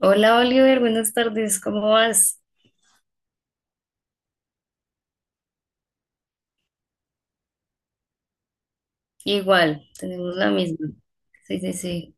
Hola Oliver, buenas tardes, ¿cómo vas? Igual, tenemos la misma. Sí, sí, sí.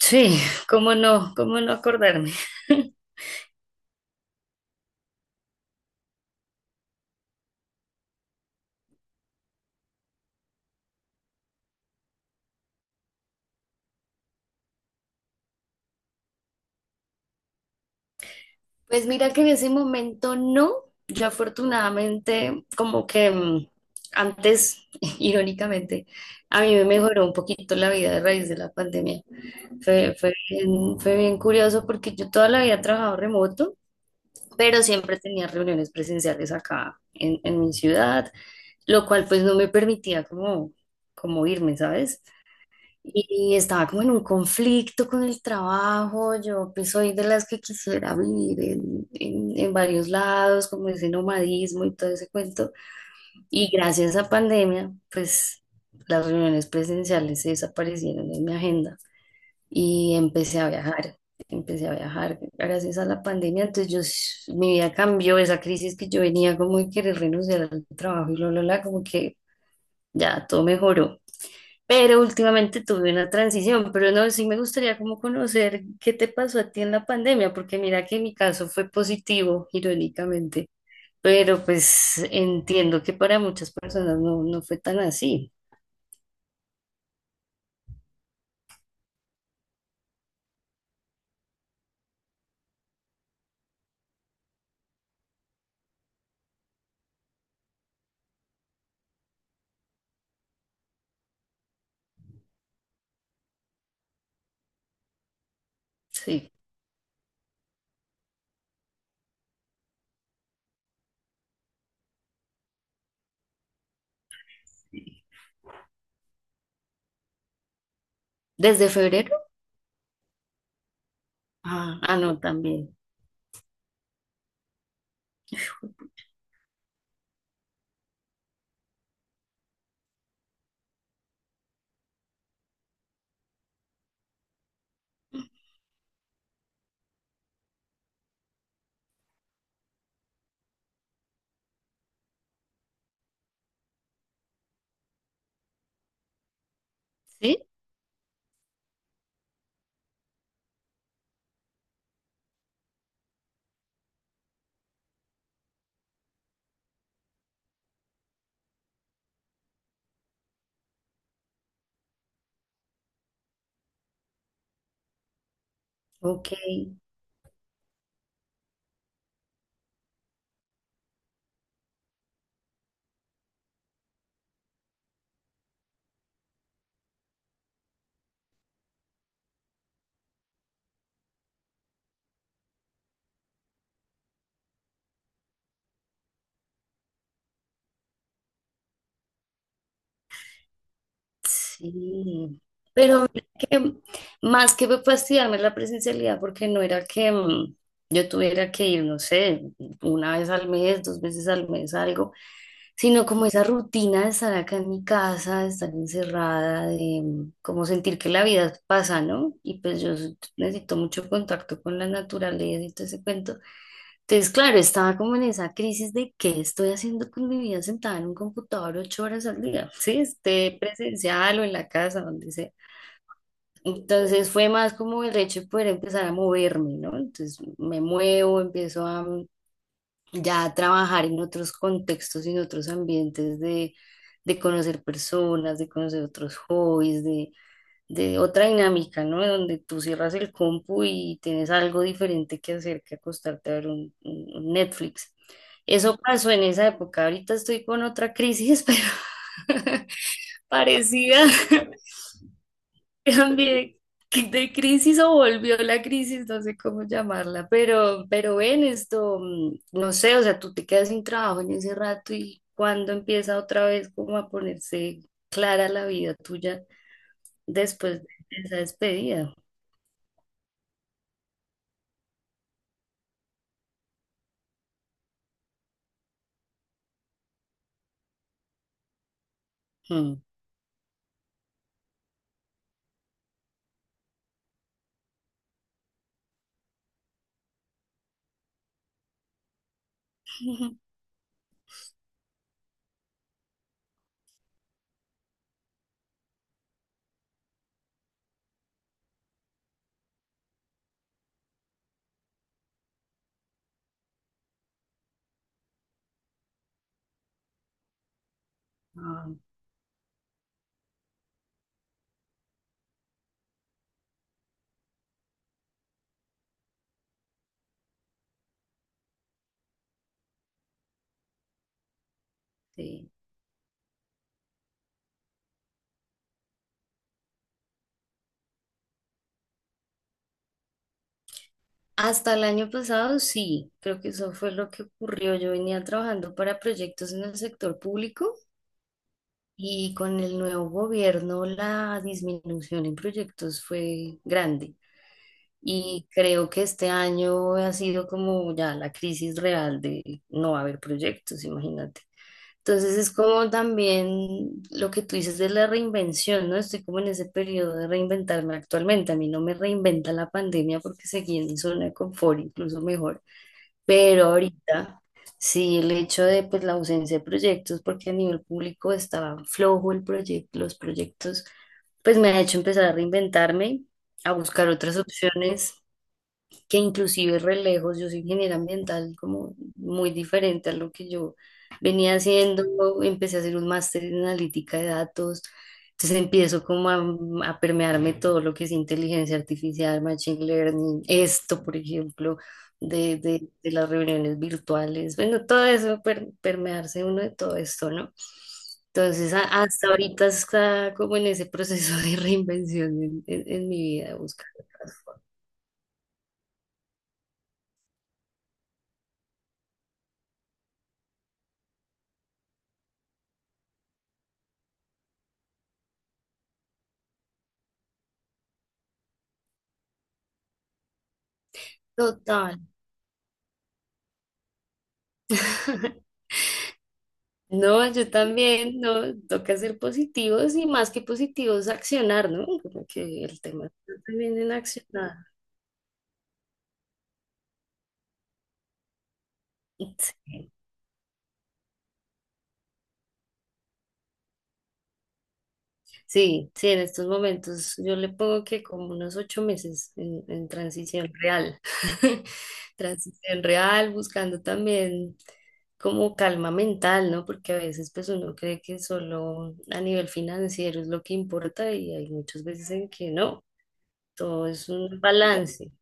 Sí, cómo no acordarme. Pues mira que en ese momento no, yo afortunadamente como que antes, irónicamente, a mí me mejoró un poquito la vida a raíz de la pandemia. Fue bien, fue bien curioso porque yo toda la vida he trabajado remoto, pero siempre tenía reuniones presenciales acá en mi ciudad, lo cual pues no me permitía como, como irme, ¿sabes? Y estaba como en un conflicto con el trabajo, yo pues soy de las que quisiera vivir en varios lados, como ese nomadismo y todo ese cuento. Y gracias a pandemia, pues las reuniones presenciales se desaparecieron de mi agenda y empecé a viajar. Empecé a viajar gracias a la pandemia, entonces yo, mi vida cambió, esa crisis que yo venía como de querer renunciar al trabajo y como que ya, todo mejoró. Pero últimamente tuve una transición, pero no, sí me gustaría como conocer qué te pasó a ti en la pandemia, porque mira que mi caso fue positivo, irónicamente, pero pues entiendo que para muchas personas no, no fue tan así. Sí. ¿Desde febrero? Ah, ah, no, también. ¿Sí? Ok. Sí, pero mira que más que fastidiarme la presencialidad, porque no era que yo tuviera que ir, no sé, una vez al mes, dos veces al mes, algo, sino como esa rutina de estar acá en mi casa, de estar encerrada, de como sentir que la vida pasa, ¿no? Y pues yo necesito mucho contacto con la naturaleza y todo ese cuento. Entonces, claro, estaba como en esa crisis de qué estoy haciendo con mi vida sentada en un computador 8 horas al día, sí, esté presencial o en la casa, donde sea. Entonces fue más como el hecho de poder empezar a moverme, ¿no? Entonces me muevo, empiezo a ya a trabajar en otros contextos y en otros ambientes de conocer personas, de conocer otros hobbies, de otra dinámica, ¿no? Donde tú cierras el compu y tienes algo diferente que hacer que acostarte a ver un Netflix. Eso pasó en esa época. Ahorita estoy con otra crisis, pero parecida también de crisis o volvió la crisis, no sé cómo llamarla, pero ven esto, no sé, o sea, tú te quedas sin trabajo en ese rato y cuando empieza otra vez como a ponerse clara la vida tuya después de esa despedida. Hmm. Ujú. Ah, sí. Hasta el año pasado sí, creo que eso fue lo que ocurrió. Yo venía trabajando para proyectos en el sector público. Y con el nuevo gobierno la disminución en proyectos fue grande. Y creo que este año ha sido como ya la crisis real de no haber proyectos, imagínate. Entonces es como también lo que tú dices de la reinvención, ¿no? Estoy como en ese periodo de reinventarme actualmente. A mí no me reinventa la pandemia porque seguí en mi zona de confort, incluso mejor. Pero ahorita sí, el hecho de pues la ausencia de proyectos, porque a nivel público estaba flojo el proyecto, los proyectos, pues me ha hecho empezar a reinventarme, a buscar otras opciones que inclusive re lejos, yo soy ingeniera ambiental, como muy diferente a lo que yo venía haciendo, empecé a hacer un máster en analítica de datos, entonces empiezo como a permearme todo lo que es inteligencia artificial, machine learning, esto, por ejemplo, de, de las reuniones virtuales, bueno, todo eso, permearse uno de todo esto, ¿no? Entonces, hasta ahorita está como en ese proceso de reinvención en, en mi vida, buscando otras formas. Total. No, yo también, no, toca ser positivos y más que positivos, accionar, ¿no? Como que el tema está también en accionar. Sí, sí, sí, en estos momentos yo le pongo que como unos 8 meses en transición real. Transición real, buscando también como calma mental, ¿no? Porque a veces pues uno cree que solo a nivel financiero es lo que importa y hay muchas veces en que no, todo es un balance,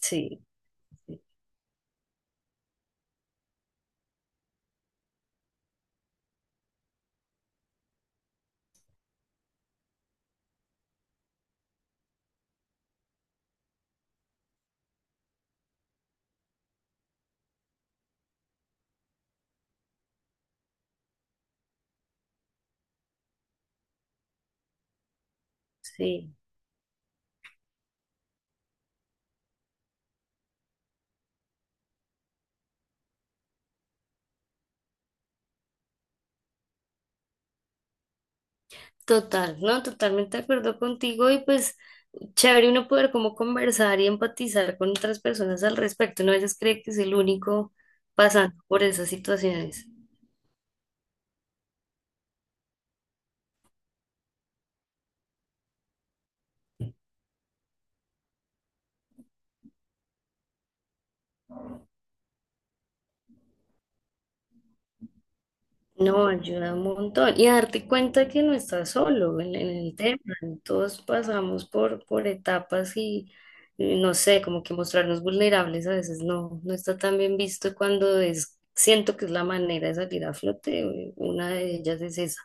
sí, sí. Sí. Total, ¿no? Totalmente de acuerdo contigo y pues chévere uno poder como conversar y empatizar con otras personas al respecto. No a veces cree que es el único pasando por esas situaciones. No, ayuda un montón. Y darte cuenta que no estás solo en el tema. Todos pasamos por etapas y no sé, como que mostrarnos vulnerables a veces no, no está tan bien visto cuando es, siento que es la manera de salir a flote. Una de ellas es esa,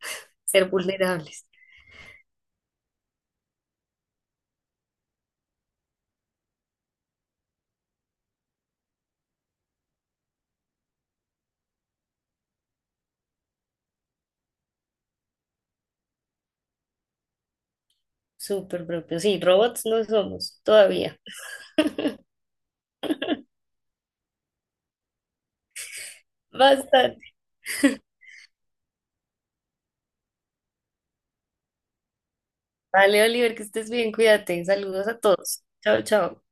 ser vulnerables. Súper propio. Sí, robots no somos todavía. Bastante. Vale, Oliver, que estés bien, cuídate. Saludos a todos. Chao, chao.